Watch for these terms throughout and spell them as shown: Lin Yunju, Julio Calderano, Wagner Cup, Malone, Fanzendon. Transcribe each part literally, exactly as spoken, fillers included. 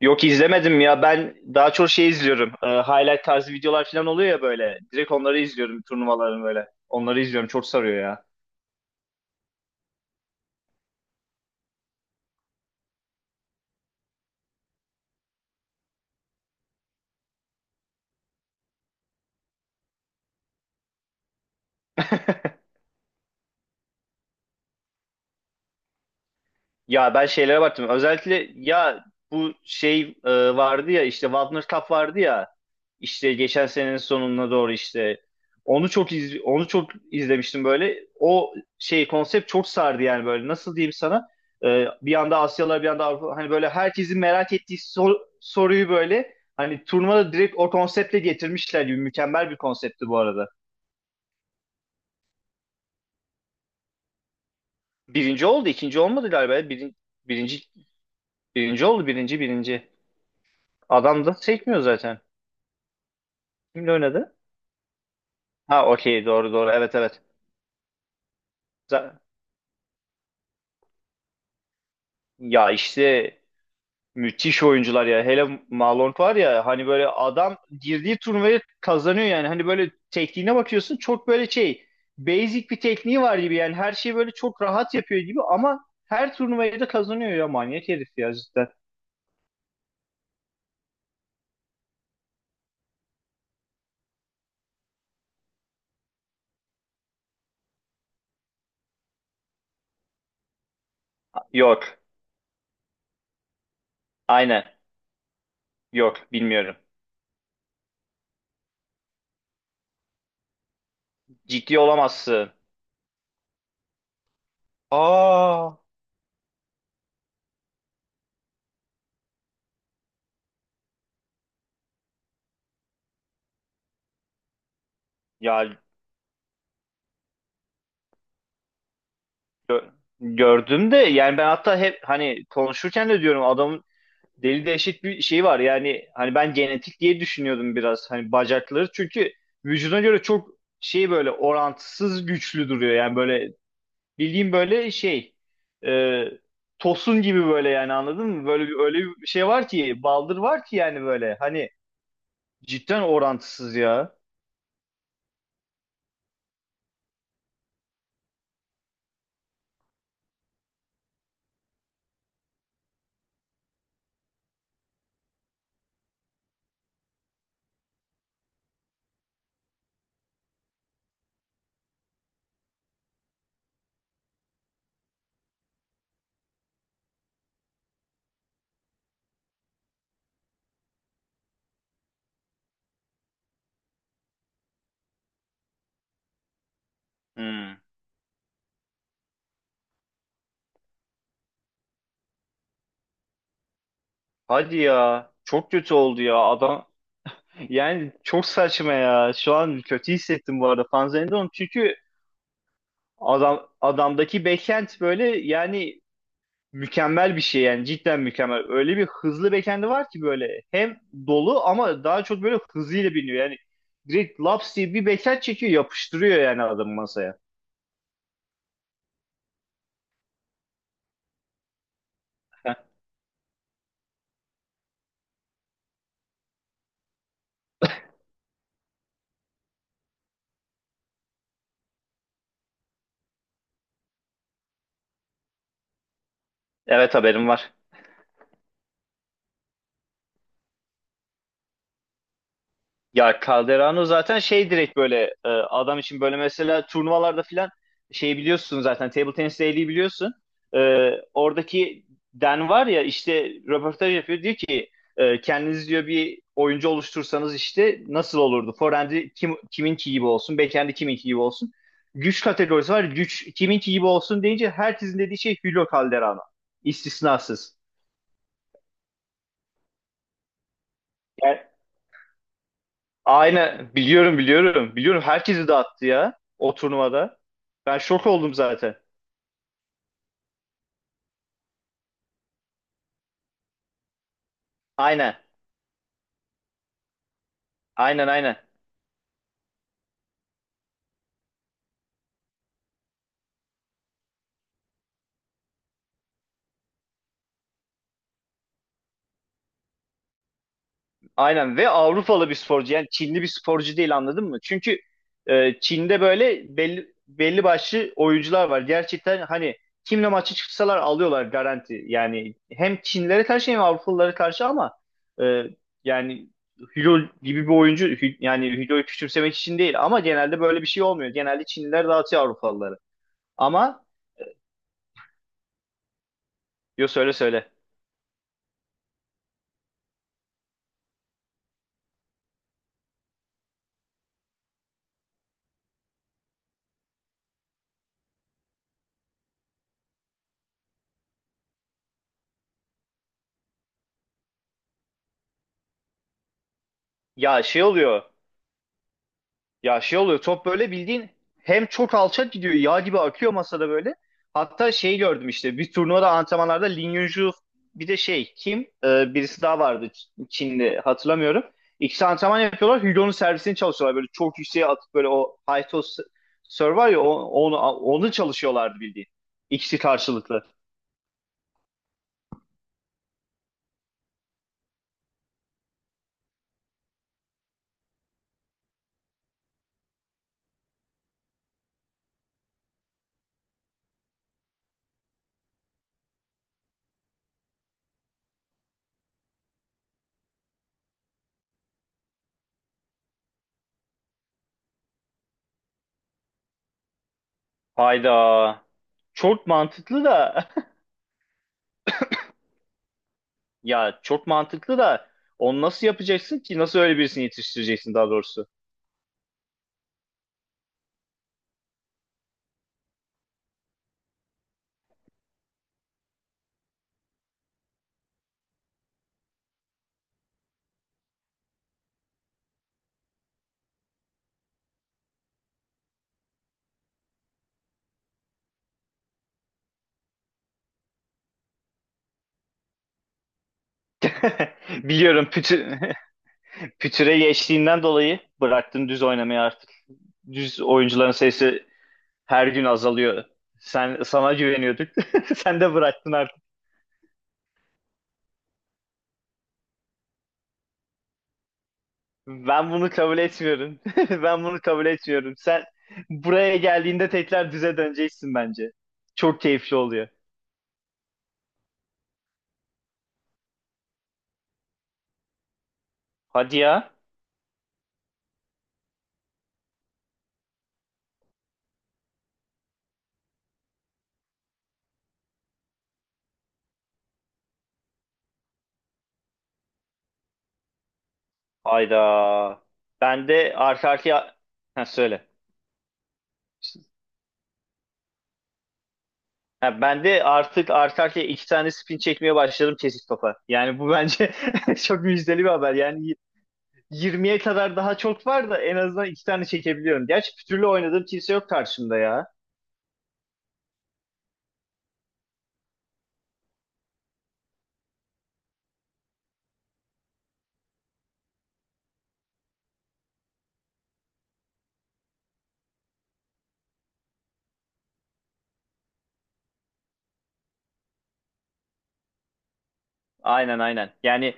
Yok izlemedim ya. Ben daha çok şey izliyorum. Ee, highlight tarzı videolar falan oluyor ya böyle. Direkt onları izliyorum turnuvaların böyle. Onları izliyorum. Çok sarıyor ya. Ya ben şeylere baktım. Özellikle ya bu şey e, vardı ya işte Wagner Cup vardı ya işte geçen senenin sonuna doğru işte onu çok iz, onu çok izlemiştim böyle. O şey konsept çok sardı yani böyle nasıl diyeyim sana. E, bir yanda Asyalılar bir yanda Avrupa, hani böyle herkesin merak ettiği sor- soruyu böyle hani turnuvada direkt o konseptle getirmişler gibi mükemmel bir konseptti bu arada. Birinci oldu, ikinci olmadı galiba. Birin, birinci birinci oldu, birinci birinci. Adam da çekmiyor zaten. Kimle oynadı? Ha, okey, doğru doğru, evet evet. Za- Ya işte müthiş oyuncular ya. Hele Malone var ya, hani böyle adam girdiği turnuvayı kazanıyor yani. Hani böyle tekniğine bakıyorsun, çok böyle şey, basic bir tekniği var gibi yani, her şeyi böyle çok rahat yapıyor gibi ama her turnuvayı da kazanıyor ya, manyak herif ya, cidden. Yok. Aynen. Yok bilmiyorum. Ciddi olamazsın. Aa. Ya gördüm de, yani ben hatta hep hani konuşurken de diyorum, adam deli, eşit bir şey var yani, hani ben genetik diye düşünüyordum biraz, hani bacakları çünkü vücuduna göre çok şey, böyle orantısız güçlü duruyor yani, böyle bildiğim böyle şey, e, tosun gibi, böyle yani anladın mı, böyle bir, öyle bir şey var ki, baldır var ki yani, böyle hani, cidden orantısız ya. Hmm. Hadi ya, çok kötü oldu ya adam, yani çok saçma ya, şu an kötü hissettim bu arada Fanzendon çünkü adam adamdaki backhand böyle yani mükemmel bir şey yani, cidden mükemmel. Öyle bir hızlı backend'i var ki böyle, hem dolu ama daha çok böyle hızıyla biniyor. Yani direkt laps diye bir backend çekiyor, yapıştırıyor yani adamı masaya. Evet, haberim var. Ya Calderano zaten şey, direkt böyle e, adam için böyle mesela turnuvalarda filan, şey biliyorsun zaten, table tenis değeri biliyorsun. E, Oradaki Dan var ya, işte röportaj yapıyor, diyor ki e, kendiniz diyor bir oyuncu oluştursanız işte nasıl olurdu? Forehand'i kim, kiminki gibi olsun, backhand'i kiminki gibi olsun. Güç kategorisi var. Güç kiminki gibi olsun deyince herkesin dediği şey Julio Calderano. İstisnasız. Yani aynen, biliyorum biliyorum. Biliyorum, herkesi dağıttı ya o turnuvada. Ben şok oldum zaten. Aynen. Aynen aynen. Aynen, ve Avrupalı bir sporcu yani, Çinli bir sporcu değil, anladın mı? Çünkü e, Çin'de böyle belli belli başlı oyuncular var. Gerçekten hani kimle maçı çıksalar alıyorlar, garanti. Yani hem Çinlilere karşı hem Avrupalılara karşı, ama e, yani Hülo gibi bir oyuncu, Hü- yani Hülo'yu küçümsemek için değil ama genelde böyle bir şey olmuyor. Genelde Çinliler dağıtıyor Avrupalıları. Ama. Yo, söyle söyle. Ya şey oluyor. Ya şey oluyor. Top böyle bildiğin hem çok alçak gidiyor. Yağ gibi akıyor masada böyle. Hatta şey gördüm işte. Bir turnuvada antrenmanlarda Lin Yunju, bir de şey kim? Ee, birisi daha vardı, Ç- Çinli, hatırlamıyorum. İkisi antrenman yapıyorlar. Hugo'nun servisini çalışıyorlar. Böyle çok yükseğe atıp böyle, o high toss serve var ya, o- onu, onu çalışıyorlardı bildiğin. İkisi karşılıklı. Hayda. Çok mantıklı da. Ya çok mantıklı da, onu nasıl yapacaksın ki? Nasıl öyle birisini yetiştireceksin daha doğrusu? Biliyorum pütü, pütüre geçtiğinden dolayı bıraktın düz oynamayı artık. Düz oyuncuların sayısı her gün azalıyor. Sen sana güveniyorduk. Sen de bıraktın artık. Ben bunu kabul etmiyorum. Ben bunu kabul etmiyorum. Sen buraya geldiğinde tekrar düze döneceksin bence. Çok keyifli oluyor. Hadi ya. Hayda. Ben de arka arkaya... Ha, söyle. Ha, ben de artık arka arkaya iki tane spin çekmeye başladım kesik topa. Yani bu bence çok müjdeli bir haber. Yani y- yirmiye kadar daha çok var da en azından iki tane çekebiliyorum. Gerçi pütürlü oynadığım kimse yok karşımda ya. Aynen aynen. Yani,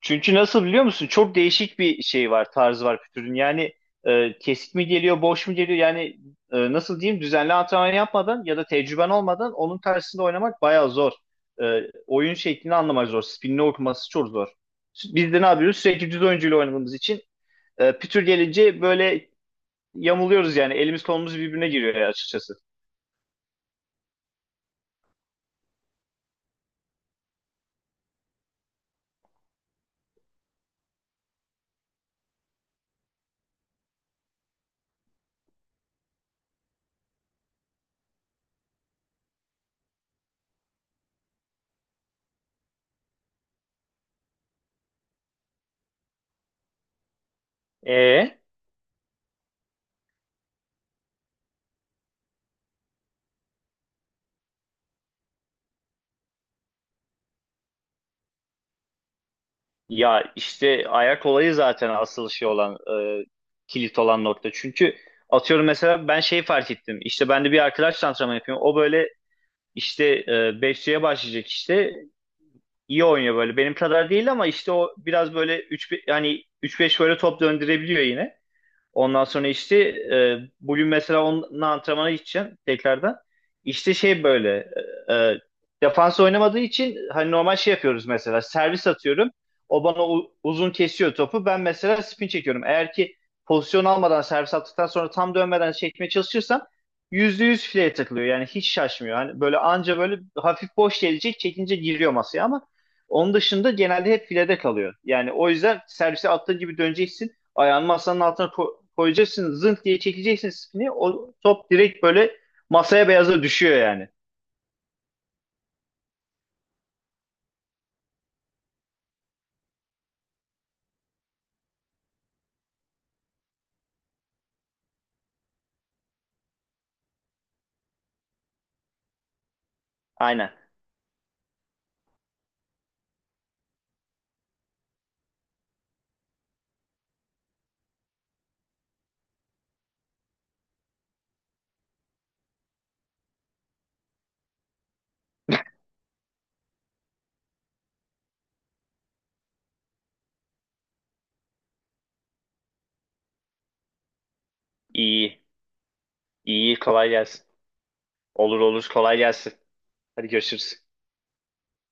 çünkü nasıl biliyor musun? Çok değişik bir şey var, tarzı var pütürün. Yani e, kesik mi geliyor, boş mu geliyor? Yani e, nasıl diyeyim? Düzenli antrenman yapmadan ya da tecrüben olmadan onun tersinde oynamak bayağı zor. E, Oyun şeklini anlamak zor. Spinini okuması çok zor. Biz de ne yapıyoruz? Sürekli düz oyuncuyla oynadığımız için e, pütür gelince böyle yamuluyoruz yani. Elimiz kolumuz birbirine giriyor açıkçası. E? Ya işte ayak olayı zaten asıl şey olan, e, kilit olan nokta. Çünkü atıyorum mesela, ben şey fark ettim. İşte ben de bir arkadaş antrenman yapıyorum. O böyle işte e, 5C'ye başlayacak işte. İyi oynuyor böyle. Benim kadar değil ama işte o biraz böyle üç, yani üç beş böyle top döndürebiliyor yine. Ondan sonra işte e, bugün mesela onun antrenmana gideceğim tekrardan. İşte şey böyle, e, e, defans oynamadığı için hani normal şey yapıyoruz, mesela servis atıyorum. O bana u- uzun kesiyor topu. Ben mesela spin çekiyorum. Eğer ki pozisyon almadan servis attıktan sonra tam dönmeden çekmeye çalışırsam yüzde yüz fileye takılıyor. Yani hiç şaşmıyor. Hani böyle anca böyle hafif boş gelecek, çekince giriyor masaya ama onun dışında genelde hep filede kalıyor. Yani o yüzden servise attığın gibi döneceksin. Ayağını masanın altına ko- koyacaksın. Zınk diye çekeceksin spini. O top direkt böyle masaya beyaza düşüyor yani. Aynen. İyi. İyi, kolay gelsin. Olur olur. Kolay gelsin. Hadi, görüşürüz.